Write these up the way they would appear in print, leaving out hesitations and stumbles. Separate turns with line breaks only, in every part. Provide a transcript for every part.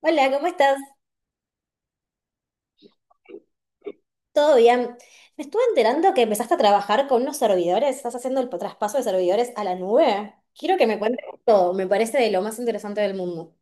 Hola, ¿cómo estás? ¿Todo bien? Me estuve enterando que empezaste a trabajar con unos servidores, estás haciendo el traspaso de servidores a la nube. Quiero que me cuentes todo, me parece de lo más interesante del mundo.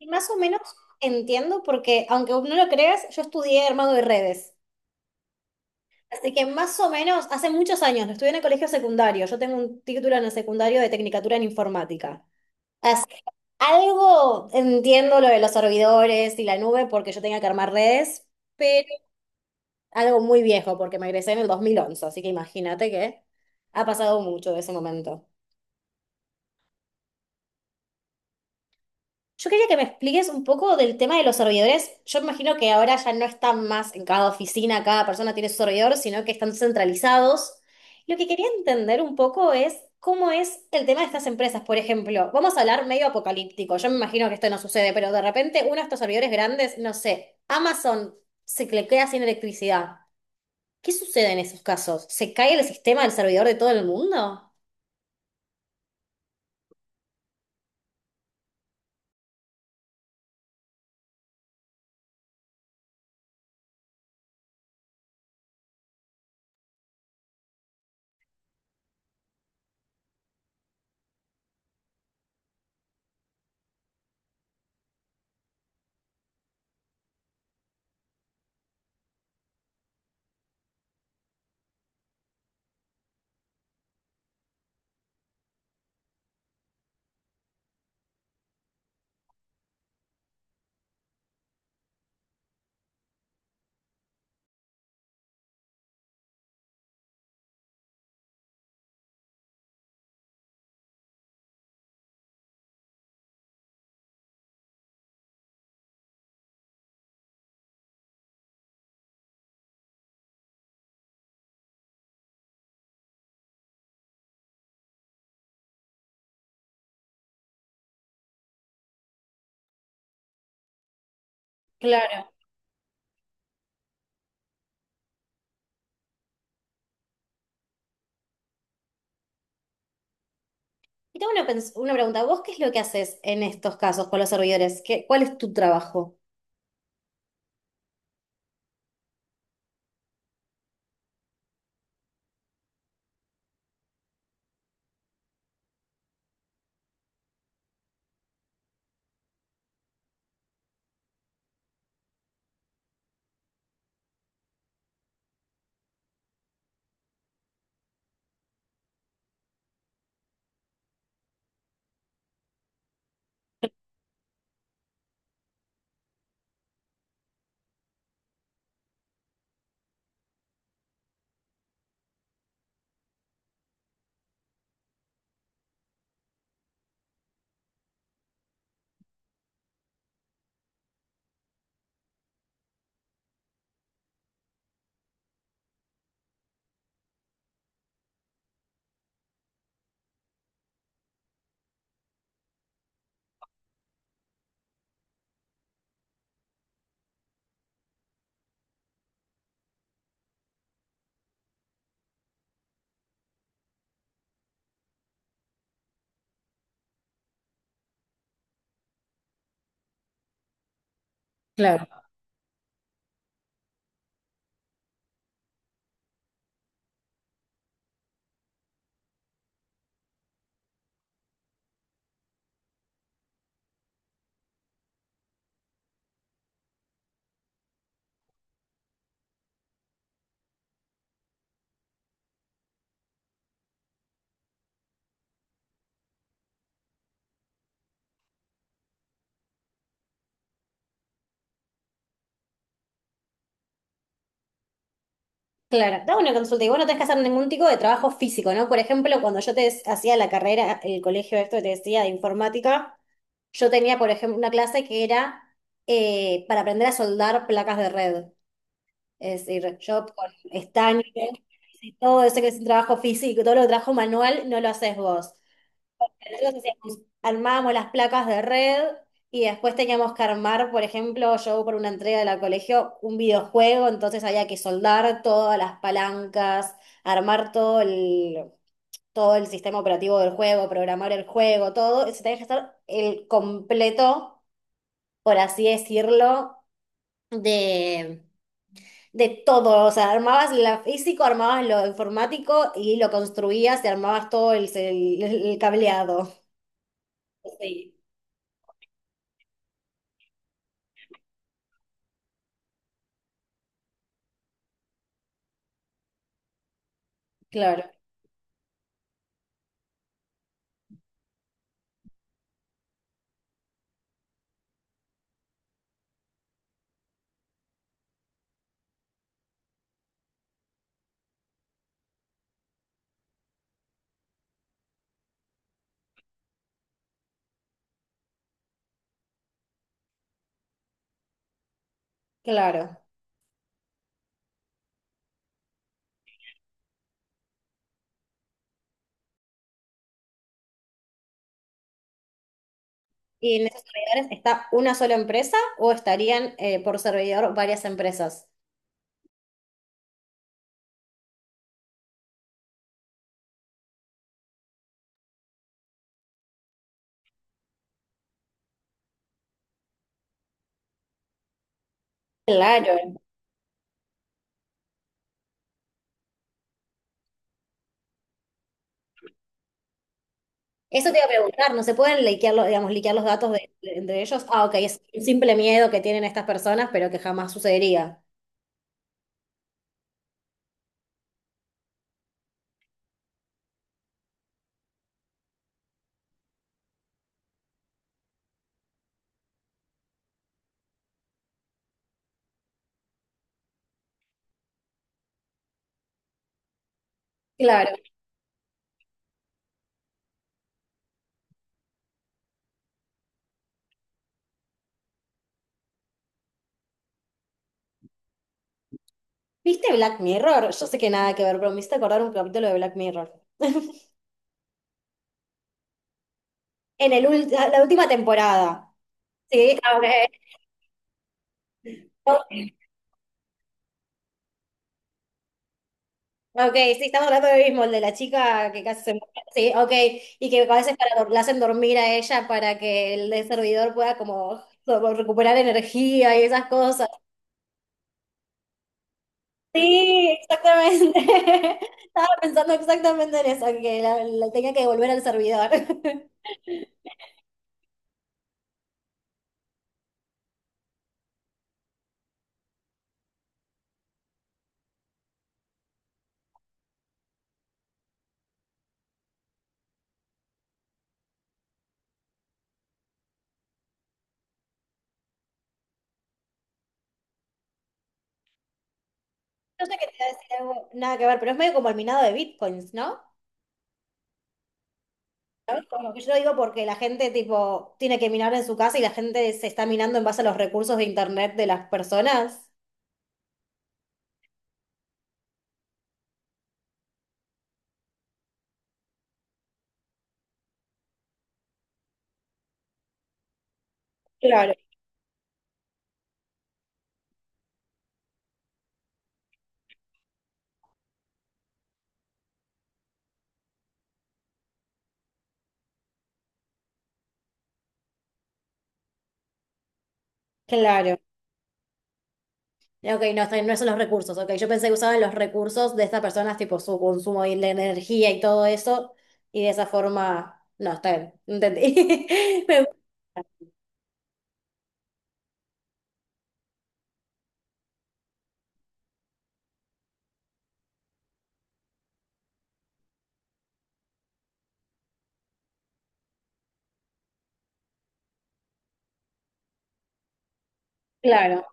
Y más o menos entiendo porque, aunque no lo creas, yo estudié armado de redes. Así que más o menos, hace muchos años, lo estudié en el colegio secundario. Yo tengo un título en el secundario de Tecnicatura en Informática. Así que algo entiendo lo de los servidores y la nube porque yo tenía que armar redes, algo muy viejo, porque me egresé en el 2011, así que imagínate que ha pasado mucho de ese momento. Yo quería que me expliques un poco del tema de los servidores. Yo imagino que ahora ya no están más en cada oficina, cada persona tiene su servidor, sino que están centralizados. Lo que quería entender un poco es cómo es el tema de estas empresas. Por ejemplo, vamos a hablar medio apocalíptico. Yo me imagino que esto no sucede, pero de repente uno de estos servidores grandes, no sé, Amazon se le queda sin electricidad. ¿Qué sucede en esos casos? ¿Se cae el sistema del servidor de todo el mundo? Claro. Y tengo una, una pregunta. ¿Vos qué es lo que haces en estos casos con los servidores? ¿Qué, cuál es tu trabajo? Claro. Claro, dame una consulta. Y vos no tenés que hacer ningún tipo de trabajo físico, ¿no? Por ejemplo, cuando yo te hacía la carrera, el colegio, esto que te decía de informática, yo tenía, por ejemplo, una clase que era para aprender a soldar placas de red. Es decir, yo con estaño y todo eso que es un trabajo físico, todo lo que trabajo manual, no lo haces vos. Nosotros armábamos las placas de red y después teníamos que armar, por ejemplo, yo por una entrega de la colegio, un videojuego, entonces había que soldar todas las palancas, armar todo el sistema operativo del juego, programar el juego, todo. Se tenía que estar el completo, por así decirlo, de, de todo. O sea, armabas lo físico, armabas lo informático y lo construías y armabas todo el el cableado. Sí, claro. Claro. ¿Y en esos servidores está una sola empresa o estarían por servidor varias empresas? Claro. Eso te iba a preguntar, ¿no se pueden liquear los, digamos, liquear los datos de, de ellos? Ah, ok, es un simple miedo que tienen estas personas, pero que jamás sucedería. Claro. ¿Viste Black Mirror? Yo sé que nada que ver, pero me hiciste acordar un capítulo de Black Mirror. En el la última temporada. Sí, ok. Ok, sí, estamos hablando del mismo, el de la chica que casi se muere. Sí, ok, y que a veces para, la hacen dormir a ella para que el de servidor pueda como, como recuperar energía y esas cosas. Sí, exactamente. Estaba pensando exactamente en eso, en que la tenía que devolver al servidor. Yo sé que te iba a decir algo, nada que ver, pero es medio como el minado de bitcoins, ¿no? ¿Sabes? Como que yo lo digo porque la gente tipo tiene que minar en su casa y la gente se está minando en base a los recursos de internet de las personas. Claro. Claro. Ok, no, está bien, no son los recursos. Ok, yo pensé que usaban los recursos de estas personas, tipo su consumo y la energía y todo eso, y de esa forma, no, está bien, entendí. Me- Claro,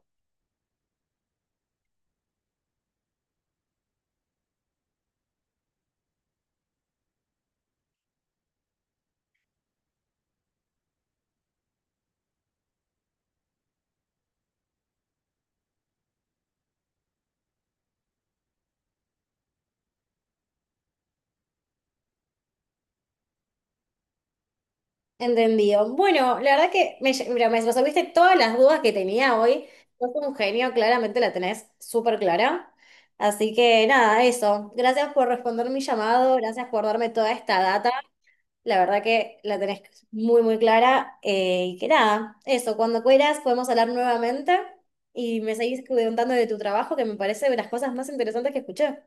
entendido. Bueno, la verdad que me, mira, me resolviste todas las dudas que tenía hoy. Sos un genio, claramente la tenés súper clara. Así que nada, eso. Gracias por responder mi llamado, gracias por darme toda esta data. La verdad que la tenés muy, muy clara. Y que nada, eso, cuando quieras podemos hablar nuevamente y me seguís contando de tu trabajo, que me parece de las cosas más interesantes que escuché.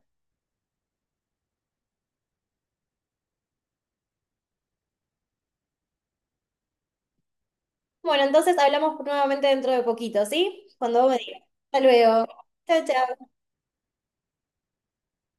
Bueno, entonces hablamos nuevamente dentro de poquito, ¿sí? Cuando vos me digas. Hasta luego. Chao, chao.